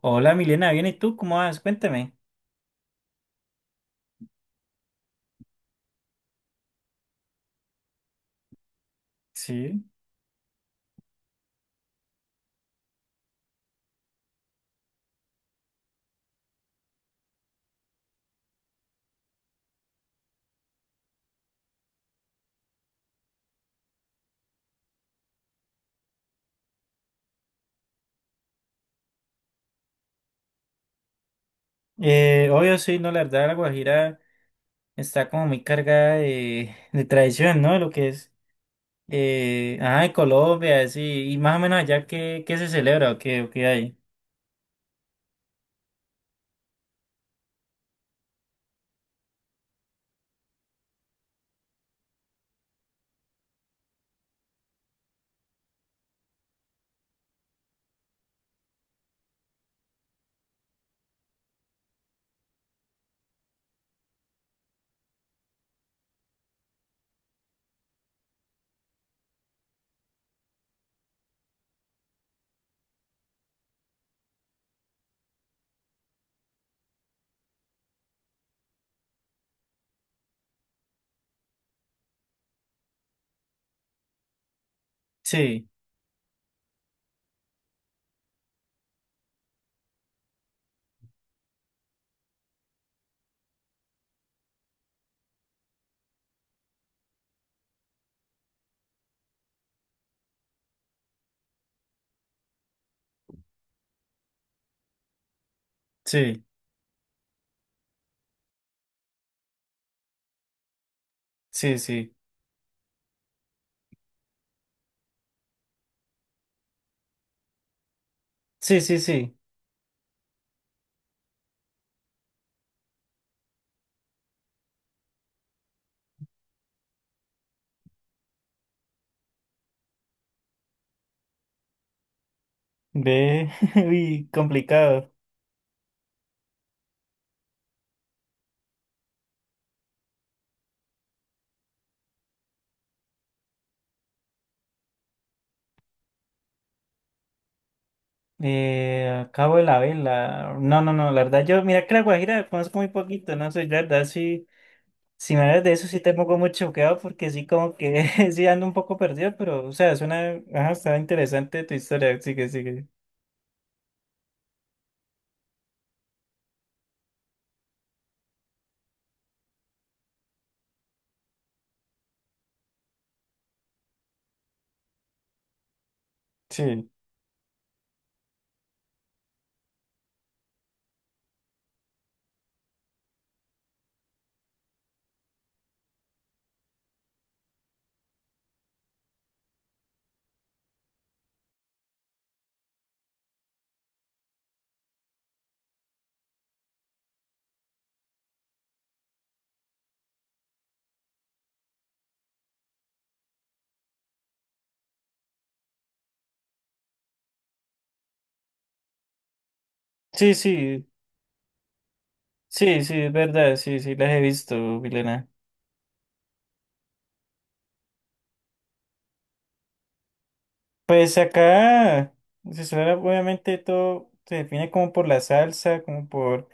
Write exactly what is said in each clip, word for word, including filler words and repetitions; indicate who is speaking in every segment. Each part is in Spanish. Speaker 1: Hola Milena, ¿bien y tú? ¿Cómo vas? Cuéntame. Sí. Eh, obvio, sí, no, la verdad, la Guajira está como muy cargada de, de tradición, ¿no? Lo que es, eh, ajá, de Colombia, sí, y más o menos allá qué qué se celebra o qué, o qué hay. Sí, sí, sí, sí, sí, sí, sí. Ve, uy, complicado. Eh, Cabo de la Vela. No, no, no, la verdad, yo, mira que la Guajira conozco muy poquito, no sé, la verdad, sí. Si me hablas de eso, sí te pongo muy choqueado porque sí, como que sí ando un poco perdido, pero, o sea, suena, ajá, está interesante tu historia. Sigue, sigue. Sí, sí, sí, sí, sí, es verdad, sí, sí, las he visto, Milena. Pues acá, se suena, obviamente todo se define como por la salsa, como por,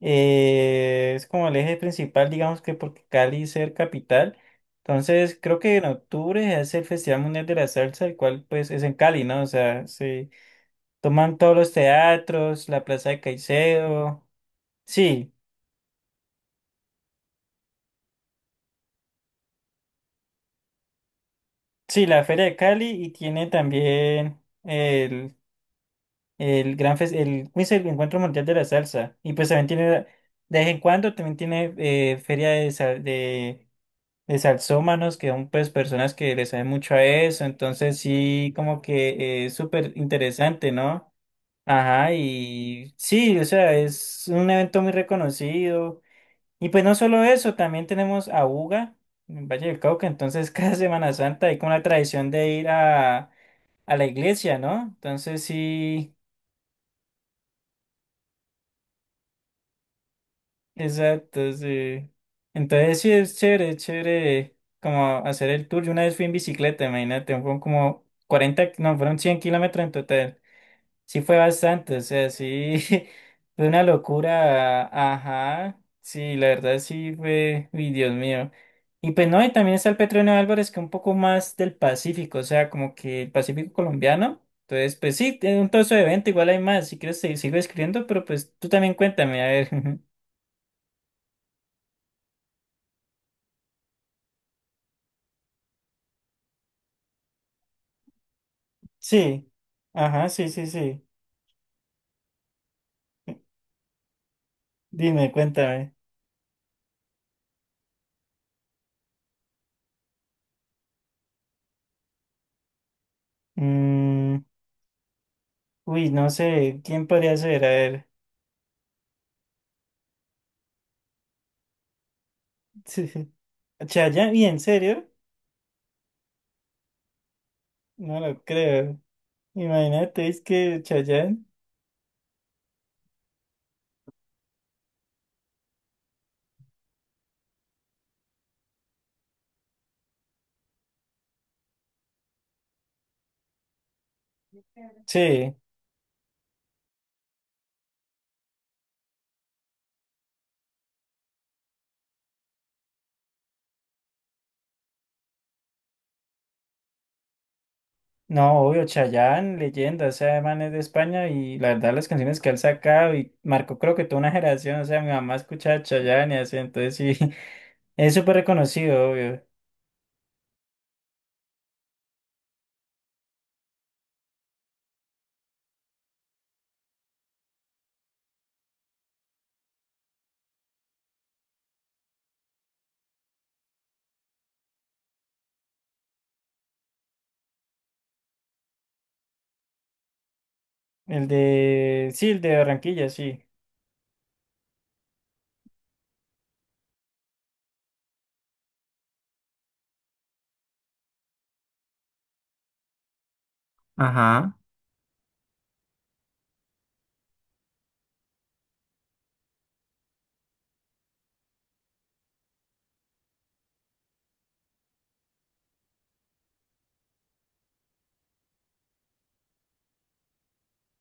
Speaker 1: eh, es como el eje principal, digamos que porque Cali es el capital. Entonces, creo que en octubre es el Festival Mundial de la Salsa, el cual pues es en Cali, ¿no? O sea, sí. Toman todos los teatros, la Plaza de Caicedo. Sí, sí, la Feria de Cali y tiene también el, el gran fes- el, ¿cómo es el Encuentro Mundial de la Salsa? Y pues también tiene, de vez en cuando también tiene eh, feria de, sal- de, de salsómanos, que son pues personas que le saben mucho a eso. Entonces sí, como que es súper interesante, ¿no? Ajá, y sí, o sea, es un evento muy reconocido. Y pues no solo eso, también tenemos a Buga en Valle del Cauca, entonces cada Semana Santa hay como la tradición de ir a, a la iglesia, ¿no? Entonces sí, exacto, sí. Entonces sí es chévere, es chévere como hacer el tour. Yo una vez fui en bicicleta, imagínate, fueron como cuarenta no, fueron cien kilómetros en total. Sí fue bastante, o sea, sí, fue una locura, ajá, sí, la verdad sí fue, uy, Dios mío. Y pues no, y también está el Petronio Álvarez, que es un poco más del Pacífico, o sea, como que el Pacífico colombiano. Entonces, pues sí, es un trozo de evento, igual hay más, si quieres te sigo escribiendo, pero pues tú también cuéntame, a ver. Sí, ajá, sí, sí, sí. Dime, cuéntame. Mm, uy, no sé, ¿quién podría ser? A ver. Chayanne, ¿y en serio? No lo creo. Imagínate, es que Chayanne, sí, no, obvio, Chayanne, leyenda, o sea, man es de España y la verdad las canciones que él sacaba y marcó creo que toda una generación, o sea, mi mamá escuchaba Chayanne y así, entonces sí, es súper reconocido, obvio. El de, sí, el de Barranquilla, sí. Ajá,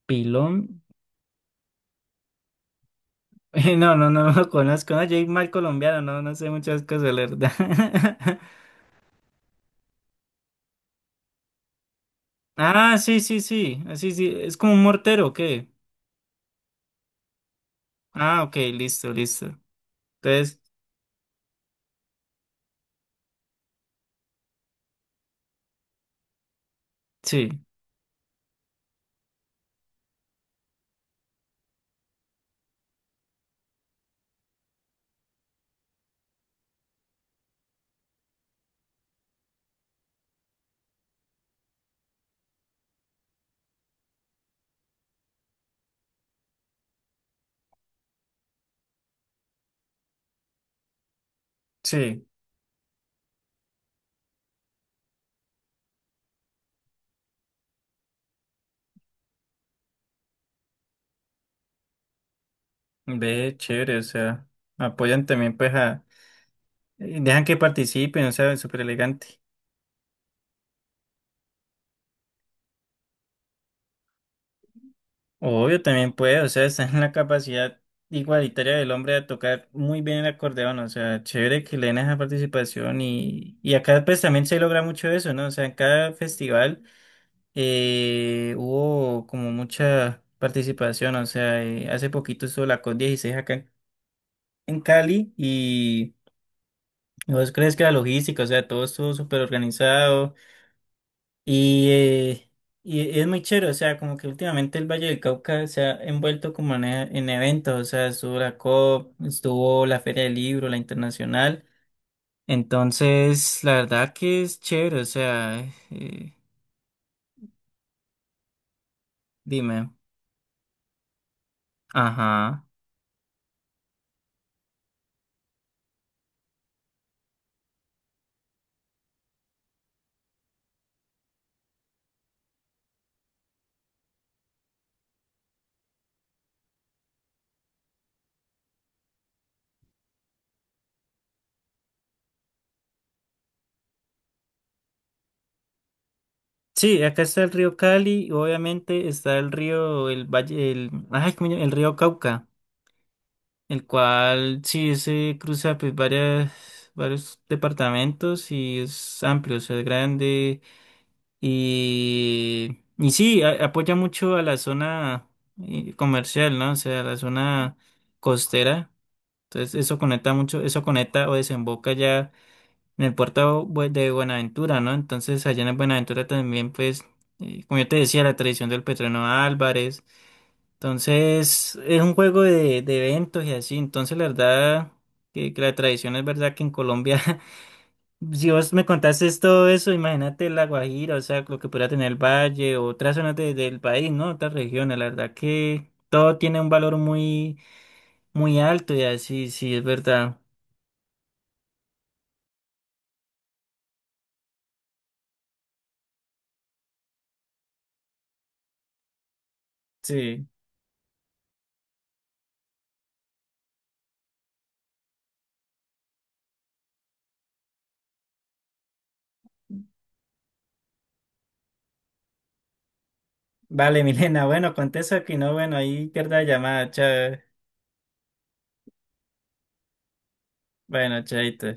Speaker 1: Pilón. No, no, no, lo conozco. No, Jake mal colombiano, no, no sé muchas cosas, la verdad. Ah, sí, sí, sí. Ah, sí, sí. Es como un mortero, ¿o qué? Ah, ok, listo, listo. Entonces, sí. Sí, ve, chévere, o sea, apoyan también pues a, eh, dejan que participen, o sea, súper elegante. Obvio, también puede, o sea, está en la capacidad igualitaria del hombre de tocar muy bien el acordeón, o sea, chévere que le den esa participación y, y acá pues también se logra mucho eso, ¿no? O sea, en cada festival eh, hubo como mucha participación, o sea, eh, hace poquito estuvo la C O P dieciséis acá en en Cali y... ¿Vos crees que la logística, o sea, todo estuvo súper organizado? Y, eh, y e, es muy chévere, o sea, como que últimamente el Valle del Cauca se ha envuelto como en, e- en eventos, o sea, estuvo la C O P, estuvo la Feria del Libro, la Internacional. Entonces, la verdad que es chévere, o sea, eh, dime. Ajá. Sí, acá está el río Cali, obviamente está el río, el valle, el, ay, ¿cómo se llama? El río Cauca, el cual sí se cruza pues varias, varios departamentos y es amplio, o sea, es grande. Y, y sí, a- apoya mucho a la zona eh, comercial, ¿no? O sea, a la zona costera. Entonces eso conecta mucho, eso conecta o desemboca ya en el puerto bu- de Buenaventura, ¿no? Entonces allá en Buenaventura también, pues, eh, como yo te decía, la tradición del Petreno Álvarez. Entonces es un juego de, de eventos y así. Entonces la verdad que, que la tradición es verdad que en Colombia. Si vos me contases todo eso, imagínate La Guajira, o sea, lo que pudiera tener el valle, otras zonas de- del país, ¿no? Otras regiones, la verdad que todo tiene un valor muy, muy alto y así, sí, es verdad. Sí. Vale, Milena, bueno, contesto aquí, no, bueno, ahí pierda la llamada, chao. Bueno, chaito.